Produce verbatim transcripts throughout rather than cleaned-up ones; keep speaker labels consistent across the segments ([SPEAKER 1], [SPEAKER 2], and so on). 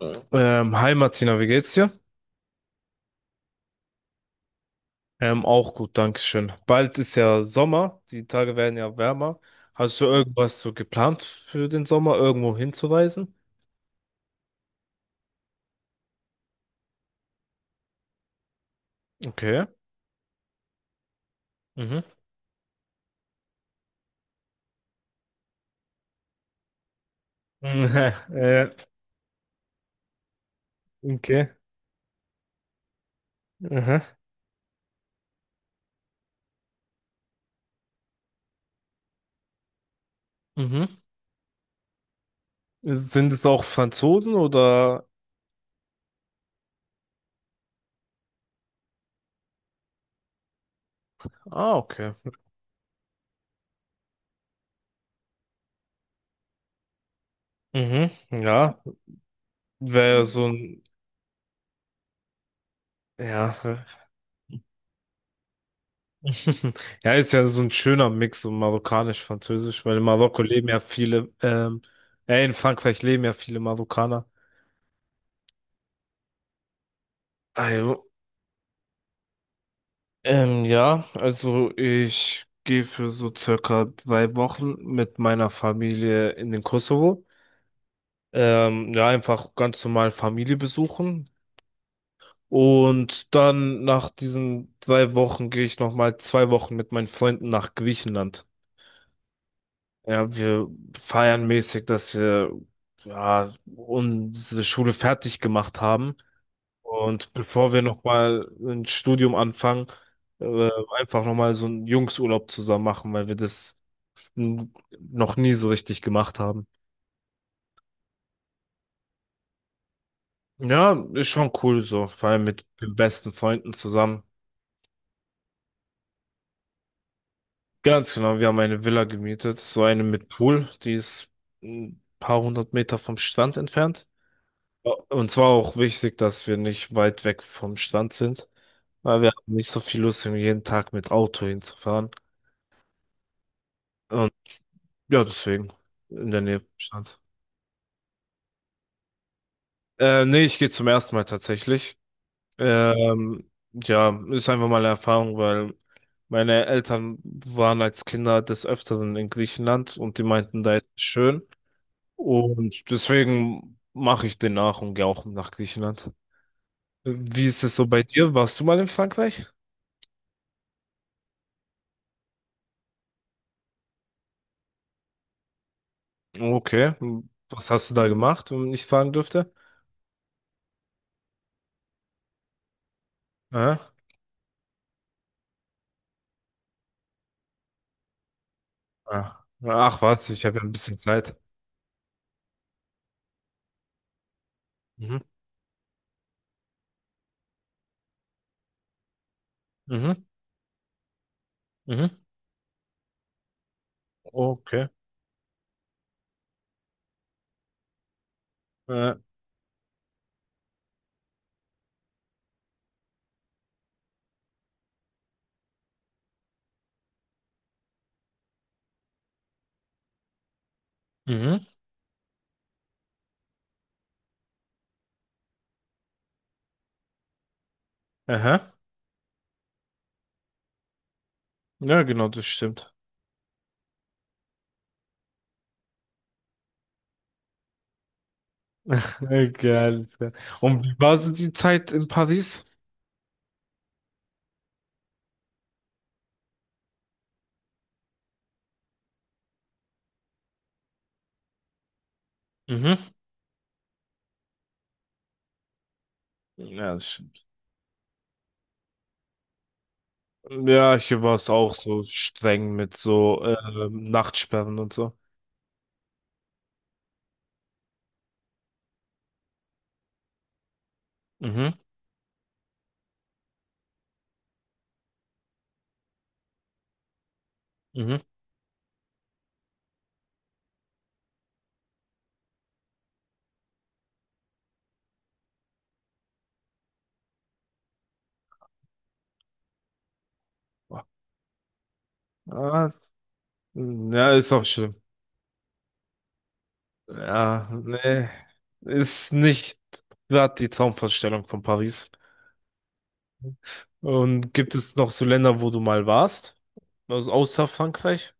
[SPEAKER 1] Mhm. Ähm, hi Martina, wie geht's dir? Ähm, auch gut, Dankeschön. Bald ist ja Sommer, die Tage werden ja wärmer. Hast du irgendwas so geplant für den Sommer, irgendwo hinzureisen? Okay. Mhm. Mhm. Äh, okay. Mhm. Mhm. Sind es auch Franzosen oder? Ah, okay. Mhm. Ja, wäre so ein, ja. Ja, ist ja so ein schöner Mix, so marokkanisch-französisch, weil in Marokko leben ja viele, ähm, äh, in Frankreich leben ja viele Marokkaner. Also, ähm, ja, also ich gehe für so circa drei Wochen mit meiner Familie in den Kosovo. Ähm, ja, einfach ganz normal Familie besuchen. Und dann nach diesen drei Wochen gehe ich nochmal zwei Wochen mit meinen Freunden nach Griechenland. Ja, wir feiern mäßig, dass wir ja, unsere Schule fertig gemacht haben. Und bevor wir nochmal ein Studium anfangen, äh, einfach nochmal so einen Jungsurlaub zusammen machen, weil wir das n- noch nie so richtig gemacht haben. Ja, ist schon cool so, vor allem mit den besten Freunden zusammen. Ganz genau, wir haben eine Villa gemietet, so eine mit Pool, die ist ein paar hundert Meter vom Strand entfernt. Und zwar auch wichtig, dass wir nicht weit weg vom Strand sind, weil wir haben nicht so viel Lust, irgendwie jeden Tag mit Auto hinzufahren. Und ja, deswegen in der Nähe vom Strand. Äh, nee, ich gehe zum ersten Mal tatsächlich. Ähm, ja, ist einfach mal eine Erfahrung, weil meine Eltern waren als Kinder des Öfteren in Griechenland und die meinten, da ist es schön. Und deswegen mache ich den nach und gehe auch nach Griechenland. Wie ist es so bei dir? Warst du mal in Frankreich? Okay, was hast du da gemacht, wenn ich fragen dürfte? Aha. Ah. Ach was, ich habe ja ein bisschen Zeit. Mhm. Mhm. Mhm. Okay. Äh, mhm. Aha. Ja, genau, das stimmt. Geil, geil. Und wie war so die Zeit in Paris? Mhm. Ja, das stimmt. Ja, hier war es auch so streng mit so ähm, Nachtsperren und so. Mhm. Mhm. Ah, ja, ist auch schlimm. Ja, nee, ist nicht gerade die Traumvorstellung von Paris. Und gibt es noch so Länder, wo du mal warst? Also außer Frankreich?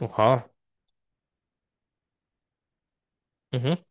[SPEAKER 1] Oha. Mhm.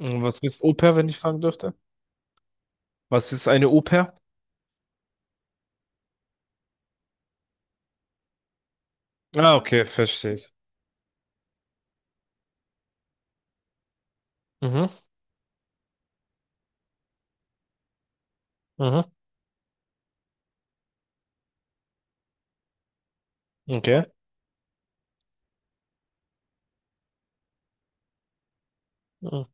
[SPEAKER 1] Und was ist Au-pair, wenn ich fragen dürfte? Was ist eine Au-pair? Ah, okay, verstehe ich. Mhm. Mhm. Okay. Mhm.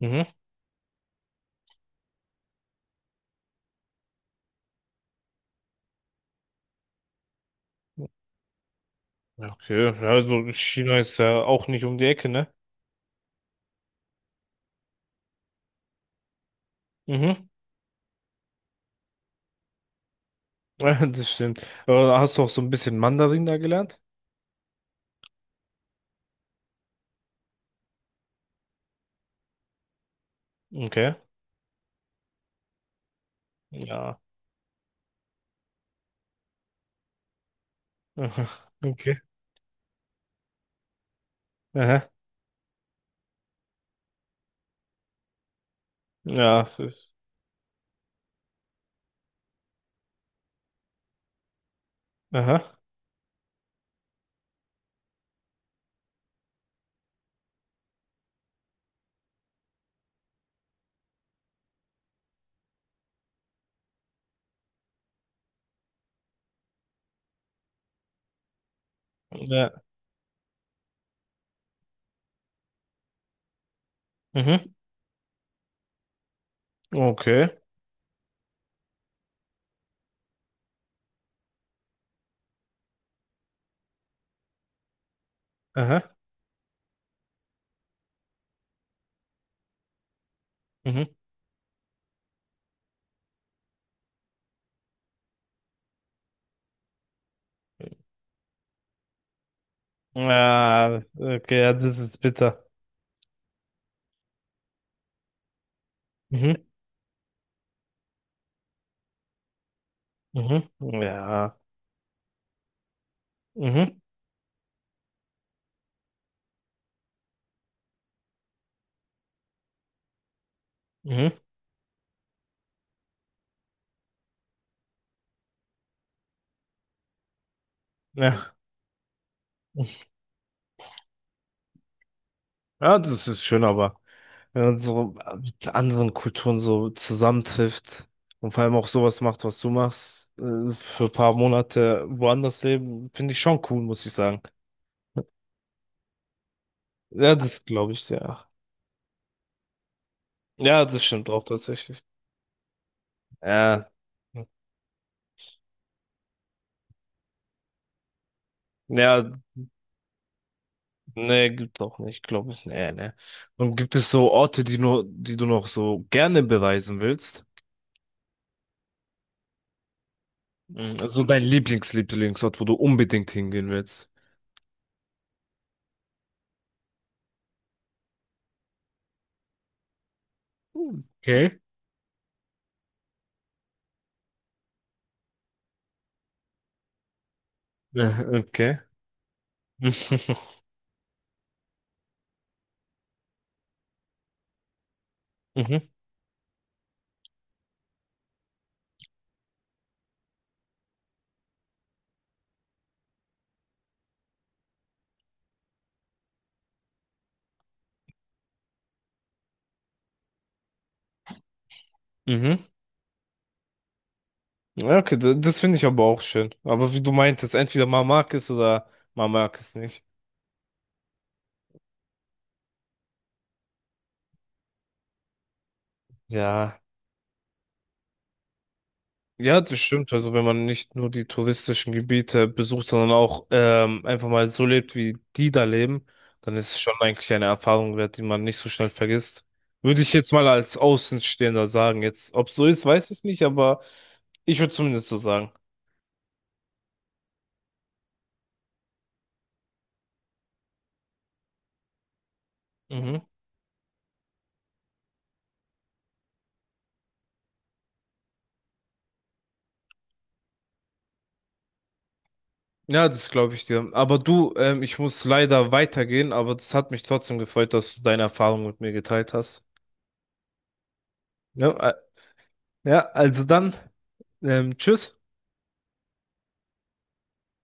[SPEAKER 1] Mhm. Okay, ja, also China ist ja auch nicht um die Ecke, ne? Mhm. Ja, das stimmt. Aber hast du auch so ein bisschen Mandarin da gelernt? Okay. Ja. Aha. Okay. Aha. Ja, es ist. Aha. Ja. Mhm. Okay. Aha. Mhm. Ja, okay, ja, das ist bitter. Mhm. Mhm. Ja. Mhm. Mhm. Ja. Ja, das ist schön, aber wenn man so mit anderen Kulturen so zusammentrifft und vor allem auch sowas macht, was du machst, äh, für ein paar Monate woanders leben, finde ich schon cool, muss ich sagen. Ja, das glaube ich, ja. Ja, das stimmt auch tatsächlich. Ja. Ja, nee, gibt auch nicht, glaube ich. Nee, nee. Und gibt es so Orte, die nur, die du noch so gerne bereisen willst? Mhm, also dein Lieblings-Lieblingsort, wo du unbedingt hingehen willst. Okay. Ja, okay. Mhm, mhm. Ja, okay, da- das finde ich aber auch schön. Aber wie du meintest, entweder man mag es oder man mag es nicht. Ja. Ja, das stimmt. Also wenn man nicht nur die touristischen Gebiete besucht, sondern auch ähm, einfach mal so lebt, wie die da leben, dann ist es schon eigentlich eine Erfahrung wert, die man nicht so schnell vergisst. Würde ich jetzt mal als Außenstehender sagen. Jetzt, ob es so ist, weiß ich nicht, aber ich würde zumindest so sagen. Mhm. Ja, das glaube ich dir. Aber du, ähm, ich muss leider weitergehen, aber das hat mich trotzdem gefreut, dass du deine Erfahrung mit mir geteilt hast. Ja, äh, ja, also dann, ähm, tschüss.